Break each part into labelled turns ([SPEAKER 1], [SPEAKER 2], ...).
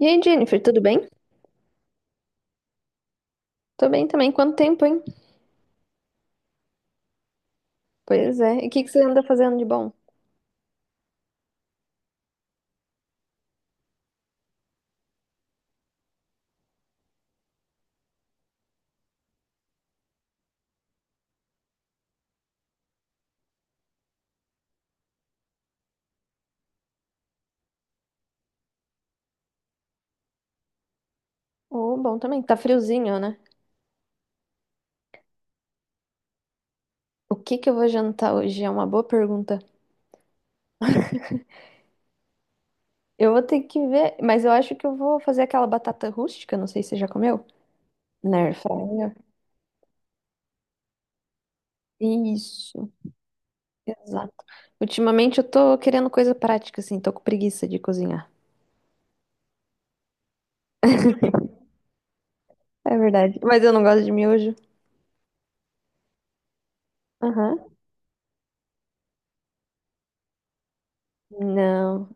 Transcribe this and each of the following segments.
[SPEAKER 1] E aí, Jennifer, tudo bem? Tô bem também. Quanto tempo, hein? Pois é. E o que que você anda fazendo de bom? Oh, bom também. Tá friozinho, né? O que que eu vou jantar hoje? É uma boa pergunta. Eu vou ter que ver, mas eu acho que eu vou fazer aquela batata rústica, não sei se você já comeu. Na air fryer. Isso, exato. Ultimamente eu tô querendo coisa prática, assim, tô com preguiça de cozinhar. É verdade. Mas eu não gosto de miojo. Aham. Não.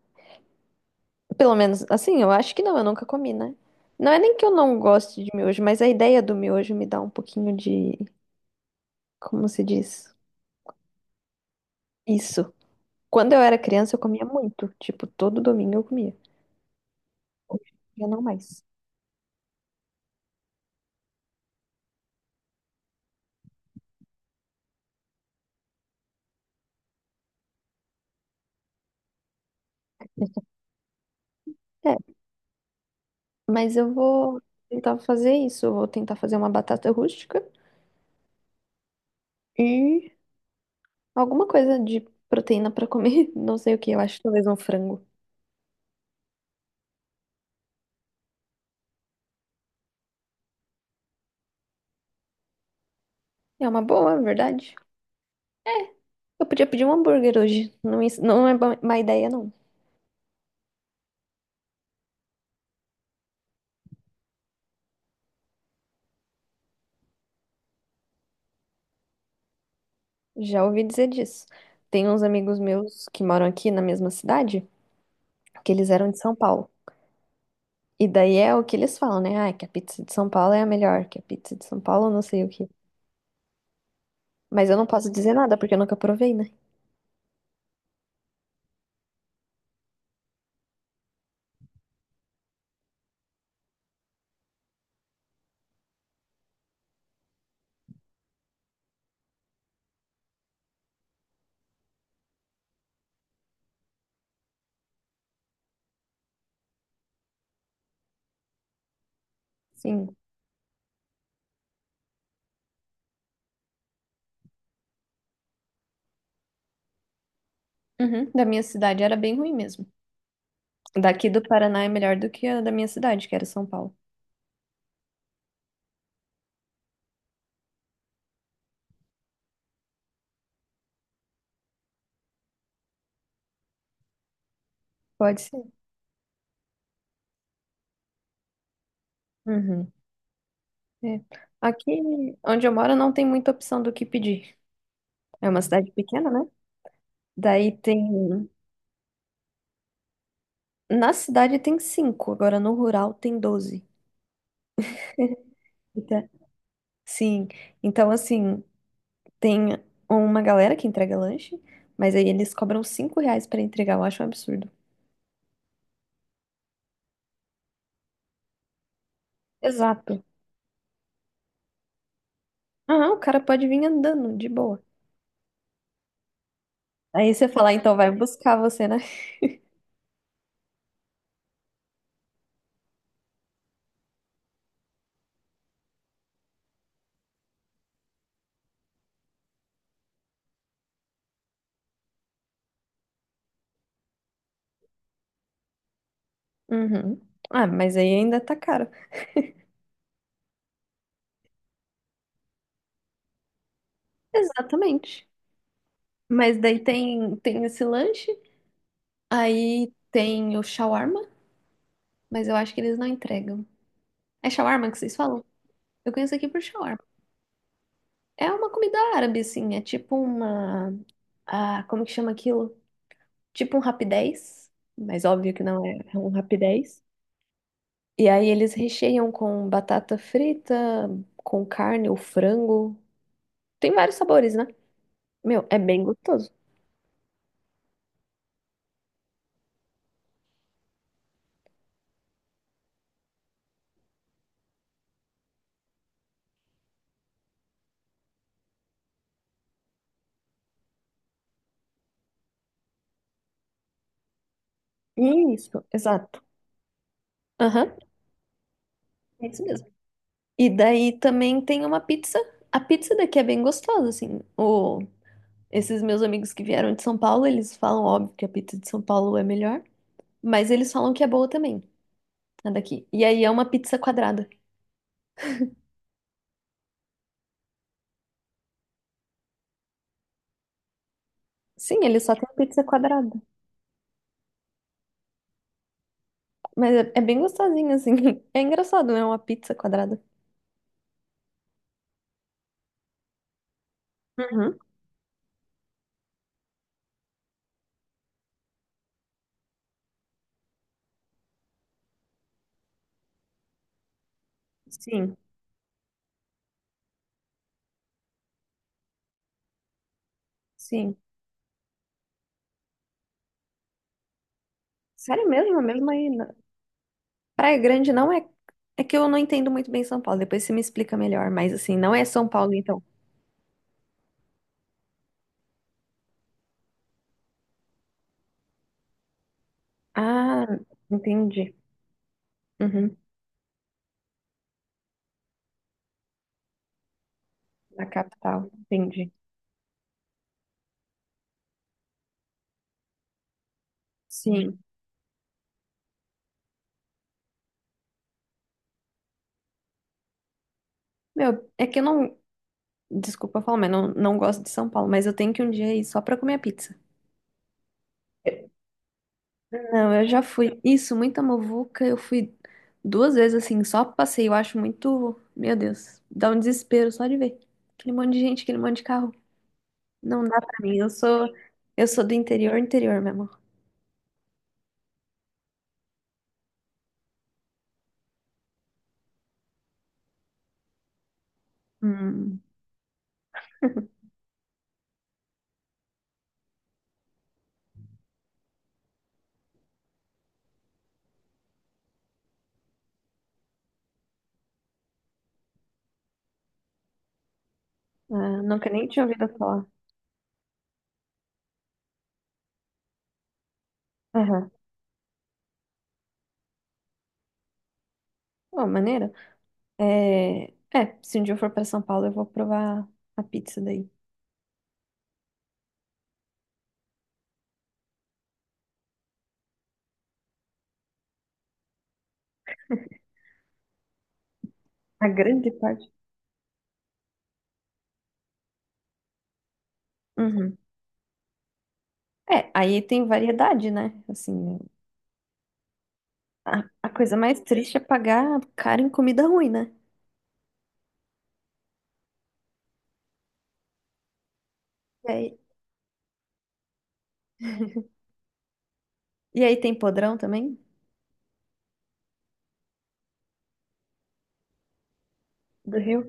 [SPEAKER 1] Pelo menos, assim, eu acho que não, eu nunca comi, né? Não é nem que eu não goste de miojo, mas a ideia do miojo me dá um pouquinho de, como se diz? Isso. Quando eu era criança, eu comia muito. Tipo, todo domingo eu comia. Hoje em dia não mais. É, mas eu vou tentar fazer isso. Eu vou tentar fazer uma batata rústica e alguma coisa de proteína pra comer. Não sei o que, eu acho que talvez um frango. É uma boa, é verdade. Eu podia pedir um hambúrguer hoje. Não, não é má ideia, não. Já ouvi dizer disso. Tem uns amigos meus que moram aqui na mesma cidade, que eles eram de São Paulo. E daí é o que eles falam, né? Ah, que a pizza de São Paulo é a melhor, que a pizza de São Paulo não sei o quê. Mas eu não posso dizer nada porque eu nunca provei, né? Sim. Uhum. Da minha cidade era bem ruim mesmo. Daqui do Paraná é melhor do que a da minha cidade, que era São Paulo. Pode ser. Uhum. É. Aqui onde eu moro não tem muita opção do que pedir. É uma cidade pequena, né? Daí tem. Na cidade tem cinco, agora no rural tem 12. Eita. Sim, então assim, tem uma galera que entrega lanche, mas aí eles cobram R$ 5 pra entregar, eu acho um absurdo. Exato. Ah, o cara pode vir andando, de boa. Aí você fala, então vai buscar você, né? Uhum. Ah, mas aí ainda tá caro. Exatamente. Mas daí tem, esse lanche, aí tem o shawarma, mas eu acho que eles não entregam. É shawarma que vocês falam? Eu conheço aqui por shawarma. É uma comida árabe, assim, é tipo uma... Ah, como que chama aquilo? Tipo um rapidez, mas óbvio que não é um rapidez. E aí eles recheiam com batata frita, com carne ou frango. Tem vários sabores, né? Meu, é bem gostoso. Isso, exato. Aham, é isso mesmo. E daí também tem uma pizza. A pizza daqui é bem gostosa, assim. O... Esses meus amigos que vieram de São Paulo, eles falam, óbvio, que a pizza de São Paulo é melhor, mas eles falam que é boa também, a daqui. E aí é uma pizza quadrada. Sim, eles só tem pizza quadrada. Mas é, é bem gostosinho, assim. É engraçado, né? Uma pizza quadrada. Uhum. Sim, Sim. Sério mesmo? É mesmo aí. Praia Grande não é. É que eu não entendo muito bem São Paulo. Depois você me explica melhor. Mas, assim, não é São Paulo, então. Ah, entendi. Uhum. Na capital. Entendi. Sim. Meu, é que eu não. Desculpa falar, mas não, não gosto de São Paulo. Mas eu tenho que um dia ir só pra comer a pizza. Não, eu já fui. Isso, muita muvuca. Eu fui duas vezes assim, só passei. Eu acho muito. Meu Deus, dá um desespero só de ver. Aquele monte de gente, aquele monte de carro. Não dá pra mim. Eu sou do interior, interior mesmo. Hum, ah, nunca nem tinha ouvido falar. Aham. Pô, maneiro. É, é, se um dia eu for pra São Paulo, eu vou provar a pizza daí. A grande parte. Uhum. É, aí tem variedade, né? Assim, a coisa mais triste é pagar caro em comida ruim, né? É, e aí tem podrão também? Do Rio?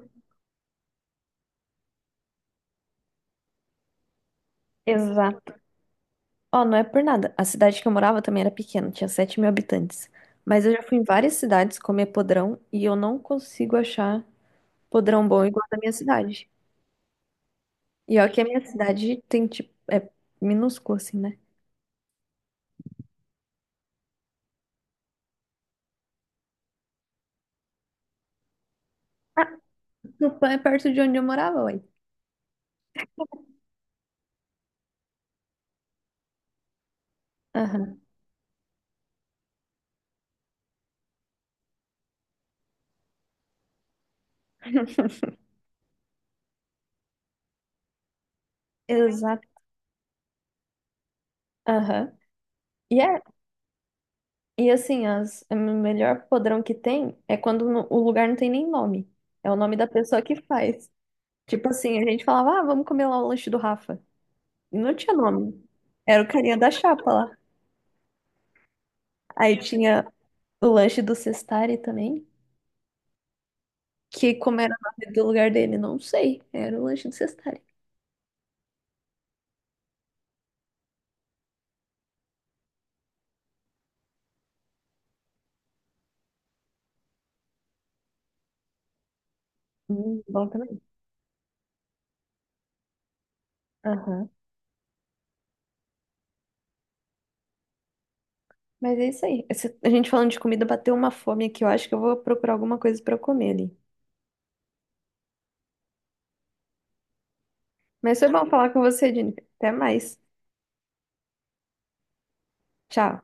[SPEAKER 1] Exato. Ó, não é por nada. A cidade que eu morava também era pequena, tinha 7 mil habitantes. Mas eu já fui em várias cidades comer podrão e eu não consigo achar podrão bom igual da minha cidade. E ó, que a minha cidade tem, tipo, é minúscula, assim, né? No pan é perto de onde eu morava, ué. Aham, exato. Aham. E, é, e assim, o melhor podrão que tem é quando o lugar não tem nem nome. É o nome da pessoa que faz. Tipo assim, a gente falava, ah, vamos comer lá o lanche do Rafa. E não tinha nome. Era o carinha da chapa lá. Aí tinha o lanche do Cestari também. Que como era o nome do lugar dele, não sei. Era o lanche do Cestari. Bom também. Aham. Mas é isso aí. Esse- a gente falando de comida, bateu uma fome aqui. Eu acho que eu vou procurar alguma coisa pra eu comer ali. Mas foi bom falar com você, Jennifer. Até mais. Tchau.